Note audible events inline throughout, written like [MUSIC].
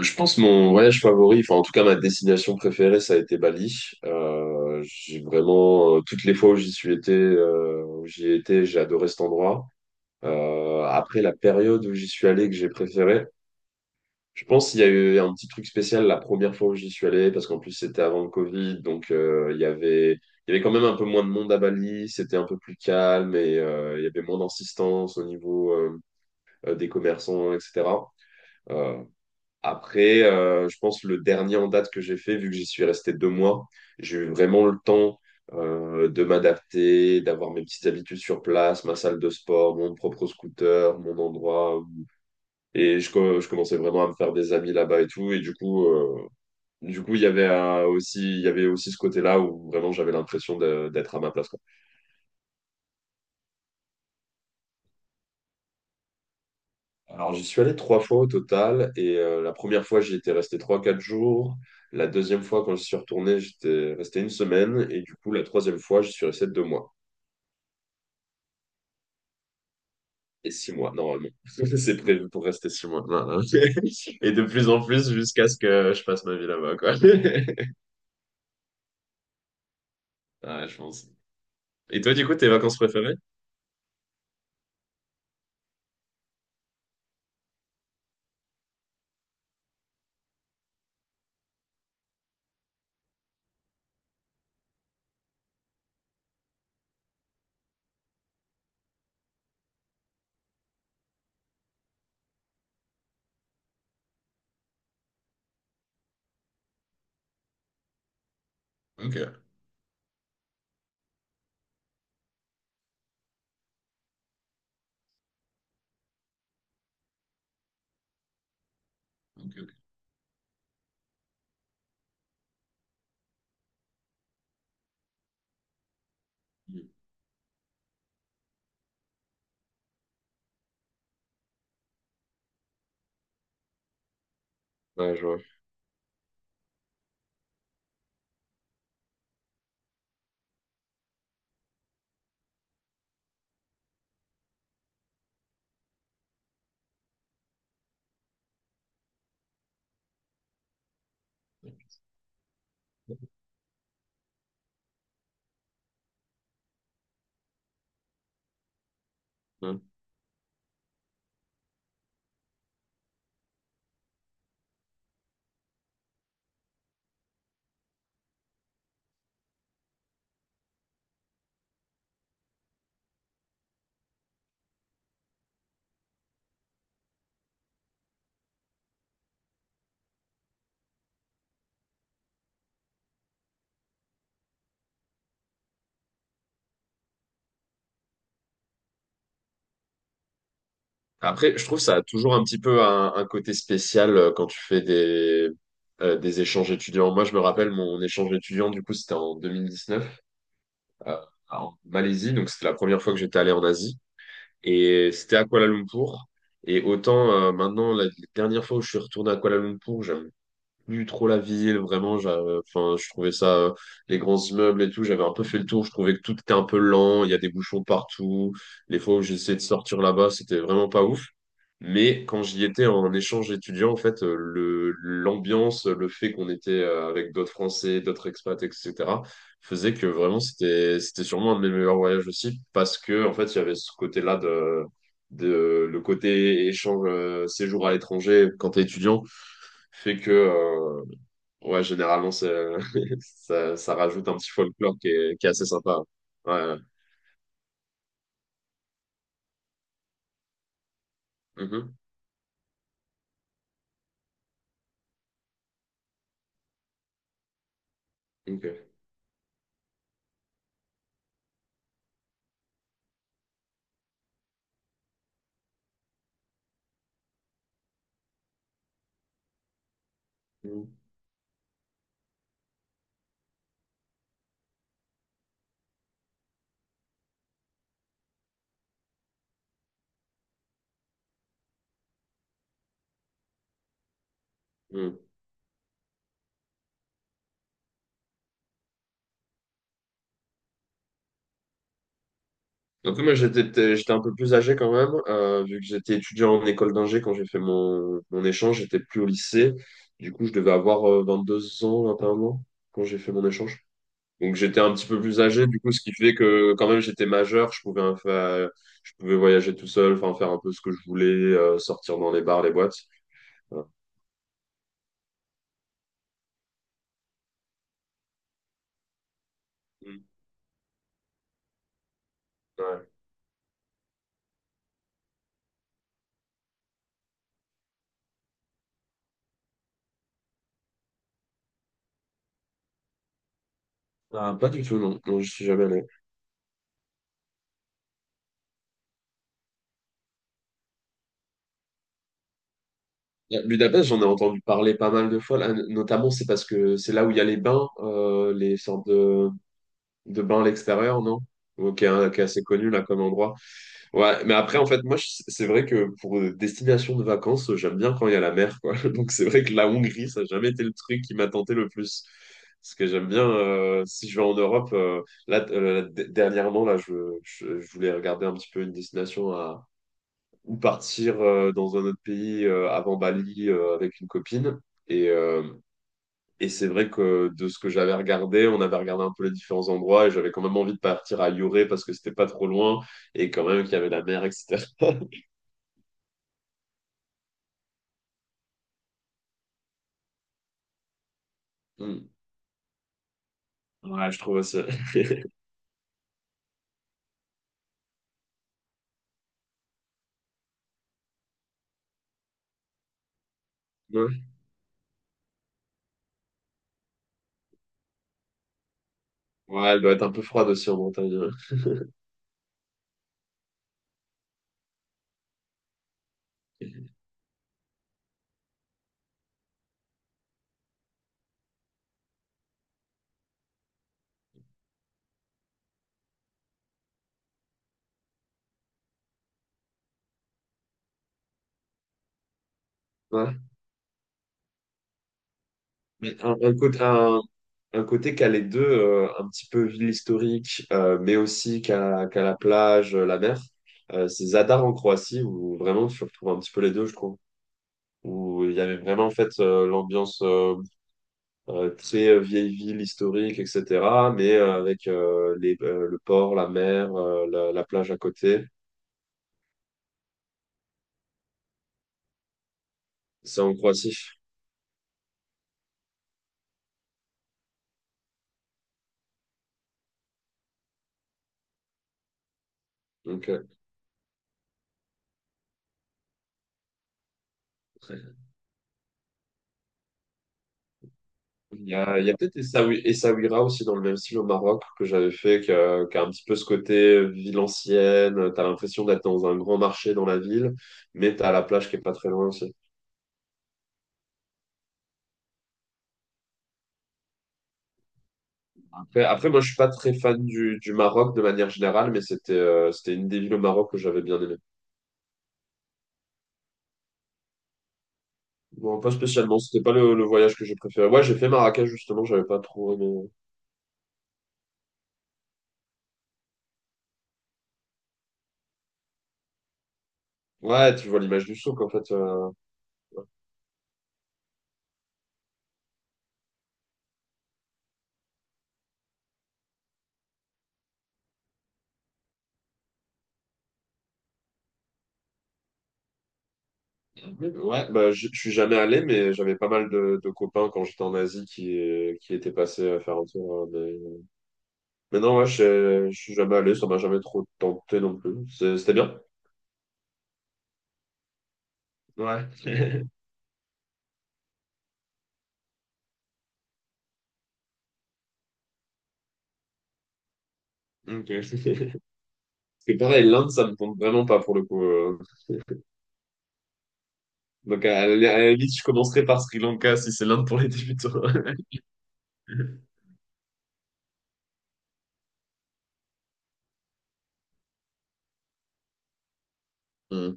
Je pense mon voyage favori, enfin en tout cas ma destination préférée, ça a été Bali. J'ai vraiment toutes les fois où j'y suis été, où j'y ai été, j'ai adoré cet endroit. Après la période où j'y suis allé que j'ai préféré, je pense qu'il y a eu un petit truc spécial la première fois où j'y suis allé parce qu'en plus c'était avant le Covid, donc il y avait quand même un peu moins de monde à Bali, c'était un peu plus calme et il y avait moins d'insistance au niveau des commerçants, etc. Après, je pense le dernier en date que j'ai fait, vu que j'y suis resté deux mois, j'ai eu vraiment le temps de m'adapter, d'avoir mes petites habitudes sur place, ma salle de sport, mon propre scooter, mon endroit. Et je commençais vraiment à me faire des amis là-bas et tout. Et du coup, il y avait aussi, il y avait aussi ce côté-là où vraiment j'avais d'être à ma place. Alors, j'y suis allé trois fois au total. Et la première fois, j'y étais resté trois, quatre jours. La deuxième fois, quand je suis retourné, j'étais resté une semaine. Et du coup, la troisième fois, je suis resté deux mois. Et six mois, normalement. [LAUGHS] C'est prévu pour rester six mois. Non, non. [LAUGHS] Et de plus en plus, jusqu'à ce que je passe ma vie là-bas, quoi. [LAUGHS] Ouais, je pense. Et toi, du coup, tes vacances préférées? Ok. Ok, ok. Ouais, je vois. Après, je trouve ça a toujours un petit peu un côté spécial quand tu fais des échanges étudiants. Moi, je me rappelle mon échange étudiant, du coup, c'était en 2019 euh, en Malaisie, donc c'était la première fois que j'étais allé en Asie. Et c'était à Kuala Lumpur. Et autant maintenant, la dernière fois où je suis retourné à Kuala Lumpur, j'aime plus trop la ville, vraiment, enfin, je trouvais ça, les grands immeubles et tout, j'avais un peu fait le tour, je trouvais que tout était un peu lent, il y a des bouchons partout, les fois où j'essayais de sortir là-bas, c'était vraiment pas ouf. Mais quand j'y étais en échange étudiant, en fait, l'ambiance, le fait qu'on était avec d'autres Français, d'autres expats, etc., faisait que vraiment, c'était c'était sûrement un de mes meilleurs voyages aussi, parce que, en fait, il y avait ce côté-là de le côté échange, séjour à l'étranger quand t'es étudiant, fait que, ouais, généralement, c'est, [LAUGHS] ça rajoute un petit folklore qui est assez sympa. Hein. Ouais. Mhm. Ok. Mhm. Mhm. Après, moi, j'étais, j'étais un peu plus âgé quand même, vu que j'étais étudiant en école d'ingé quand j'ai fait mon échange, j'étais plus au lycée. Du coup, je devais avoir 21 ans quand j'ai fait mon échange. Donc, j'étais un petit peu plus âgé, du coup, ce qui fait que quand même, j'étais majeur, je pouvais faire, je pouvais voyager tout seul, enfin, faire un peu ce que je voulais, sortir dans les bars, les boîtes. Voilà. Mhm. Ouais. Ah, pas du tout, non. Non, je suis jamais allé. Budapest, j'en ai entendu parler pas mal de fois là, notamment, c'est parce que c'est là où il y a les bains, les sortes de bains à l'extérieur, non? Ou qui est, qui est assez connu là comme endroit. Ouais, mais après, en fait, c'est vrai que pour destination de vacances, j'aime bien quand il y a la mer, quoi. [LAUGHS] Donc, c'est vrai que la Hongrie, ça n'a jamais été le truc qui m'a tenté le plus. Parce que j'aime bien, si je vais en Europe, dernièrement, je voulais regarder un petit peu une destination à ou partir dans un autre pays avant Bali avec une copine. Et, euh, et c'est vrai que de ce que j'avais regardé, on avait regardé un peu les différents endroits et j'avais quand même envie de partir à Lloré parce que c'était pas trop loin et quand même qu'il y avait la mer, etc. [LAUGHS] Hmm. Ouais, je trouve aussi. [LAUGHS] Ouais, elle doit être un peu froide aussi en montagne. Ouais. Mais un côté qui a les deux, un petit peu ville historique, mais aussi qu'à la plage, la mer. C'est Zadar en Croatie, où vraiment tu retrouves un petit peu les deux, je trouve. Où il y avait vraiment en fait l'ambiance très vieille ville historique, etc. Mais avec le port, la mer, la plage à côté. C'est en Croatie. Donc, euh, il y a, il y a peut-être Essaouira aussi dans le même style au Maroc que j'avais fait, qui a un petit peu ce côté ville ancienne. T'as l'impression d'être dans un grand marché dans la ville, mais t'as la plage qui est pas très loin aussi. Après, moi, je suis pas très fan du Maroc de manière générale, mais c'était une des villes au Maroc que j'avais bien aimé. Bon, pas spécialement, c'était pas le voyage que j'ai préféré. Ouais, j'ai fait Marrakech justement, j'avais pas trop aimé. Ouais, tu vois l'image du souk en fait. Ouais, je suis jamais allé, mais j'avais pas mal de copains quand j'étais en Asie qui étaient passés à faire un tour. Hein, mais non, ouais, je suis jamais allé, ça m'a jamais trop tenté non plus. C'était bien? Ouais. [LAUGHS] Ok. [LAUGHS] Parce que pareil, l'Inde, ça me tente vraiment pas pour le coup. Donc à la limite, je commencerai par Sri Lanka si c'est l'Inde pour les débutants. [LAUGHS] Hmm.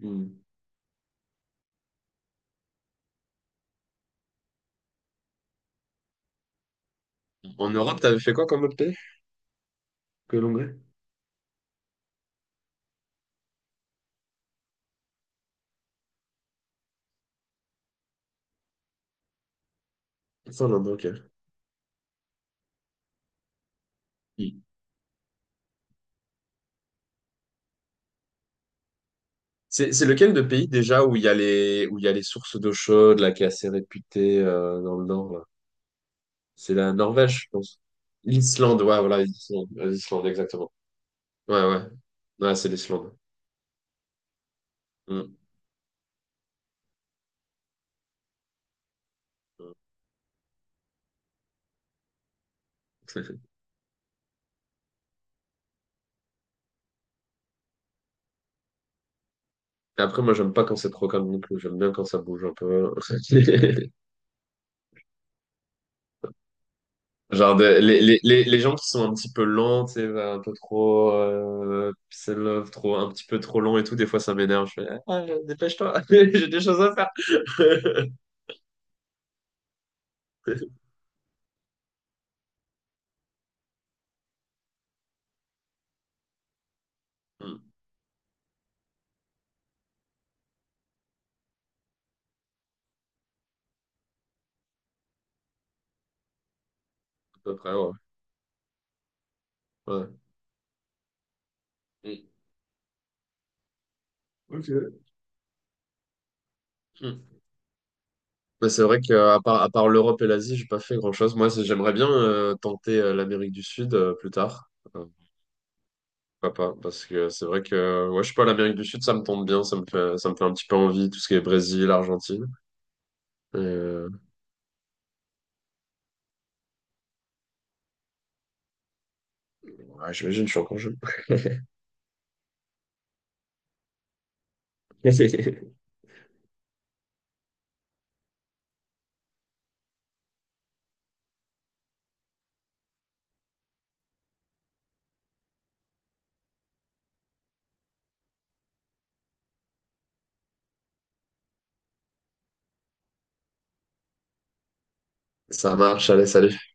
Hmm. En Europe, t'avais fait quoi comme autre pays que l'Hongrie? Ça, l'Inde, ok. C'est lequel de pays déjà où il y a les, où il y a les sources d'eau chaude, là, qui est assez réputée dans le nord, là. C'est la Norvège, je pense. L'Islande, ouais, voilà, l'Islande, exactement. Ouais, ouais. Ouais, c'est l'Islande. Mm. Tout à fait. Et après, moi, j'aime pas quand c'est trop calme non plus. J'aime bien quand ça bouge un peu. [LAUGHS] Genre, les gens qui sont un petit peu lents, tu sais, un peu trop, peace and love, trop, un petit peu trop lent et tout, des fois, ça m'énerve. Je fais, ah, dépêche-toi, [LAUGHS] j'ai des choses à faire. [LAUGHS] Mm. À peu près, ouais. Ouais. Mm. Ok. Mm. Mais c'est vrai à part l'Europe et l'Asie, j'ai pas fait grand-chose. Moi, j'aimerais bien tenter l'Amérique du Sud plus tard. Euh, Pourquoi pas? Parce que c'est vrai que, ouais, je sais pas, l'Amérique du Sud, ça me tombe bien. Ça me fait un petit peu envie, tout ce qui est Brésil, Argentine. Euh, ouais, j'imagine, je suis encore jeune. [LAUGHS] Ça marche, allez, salut.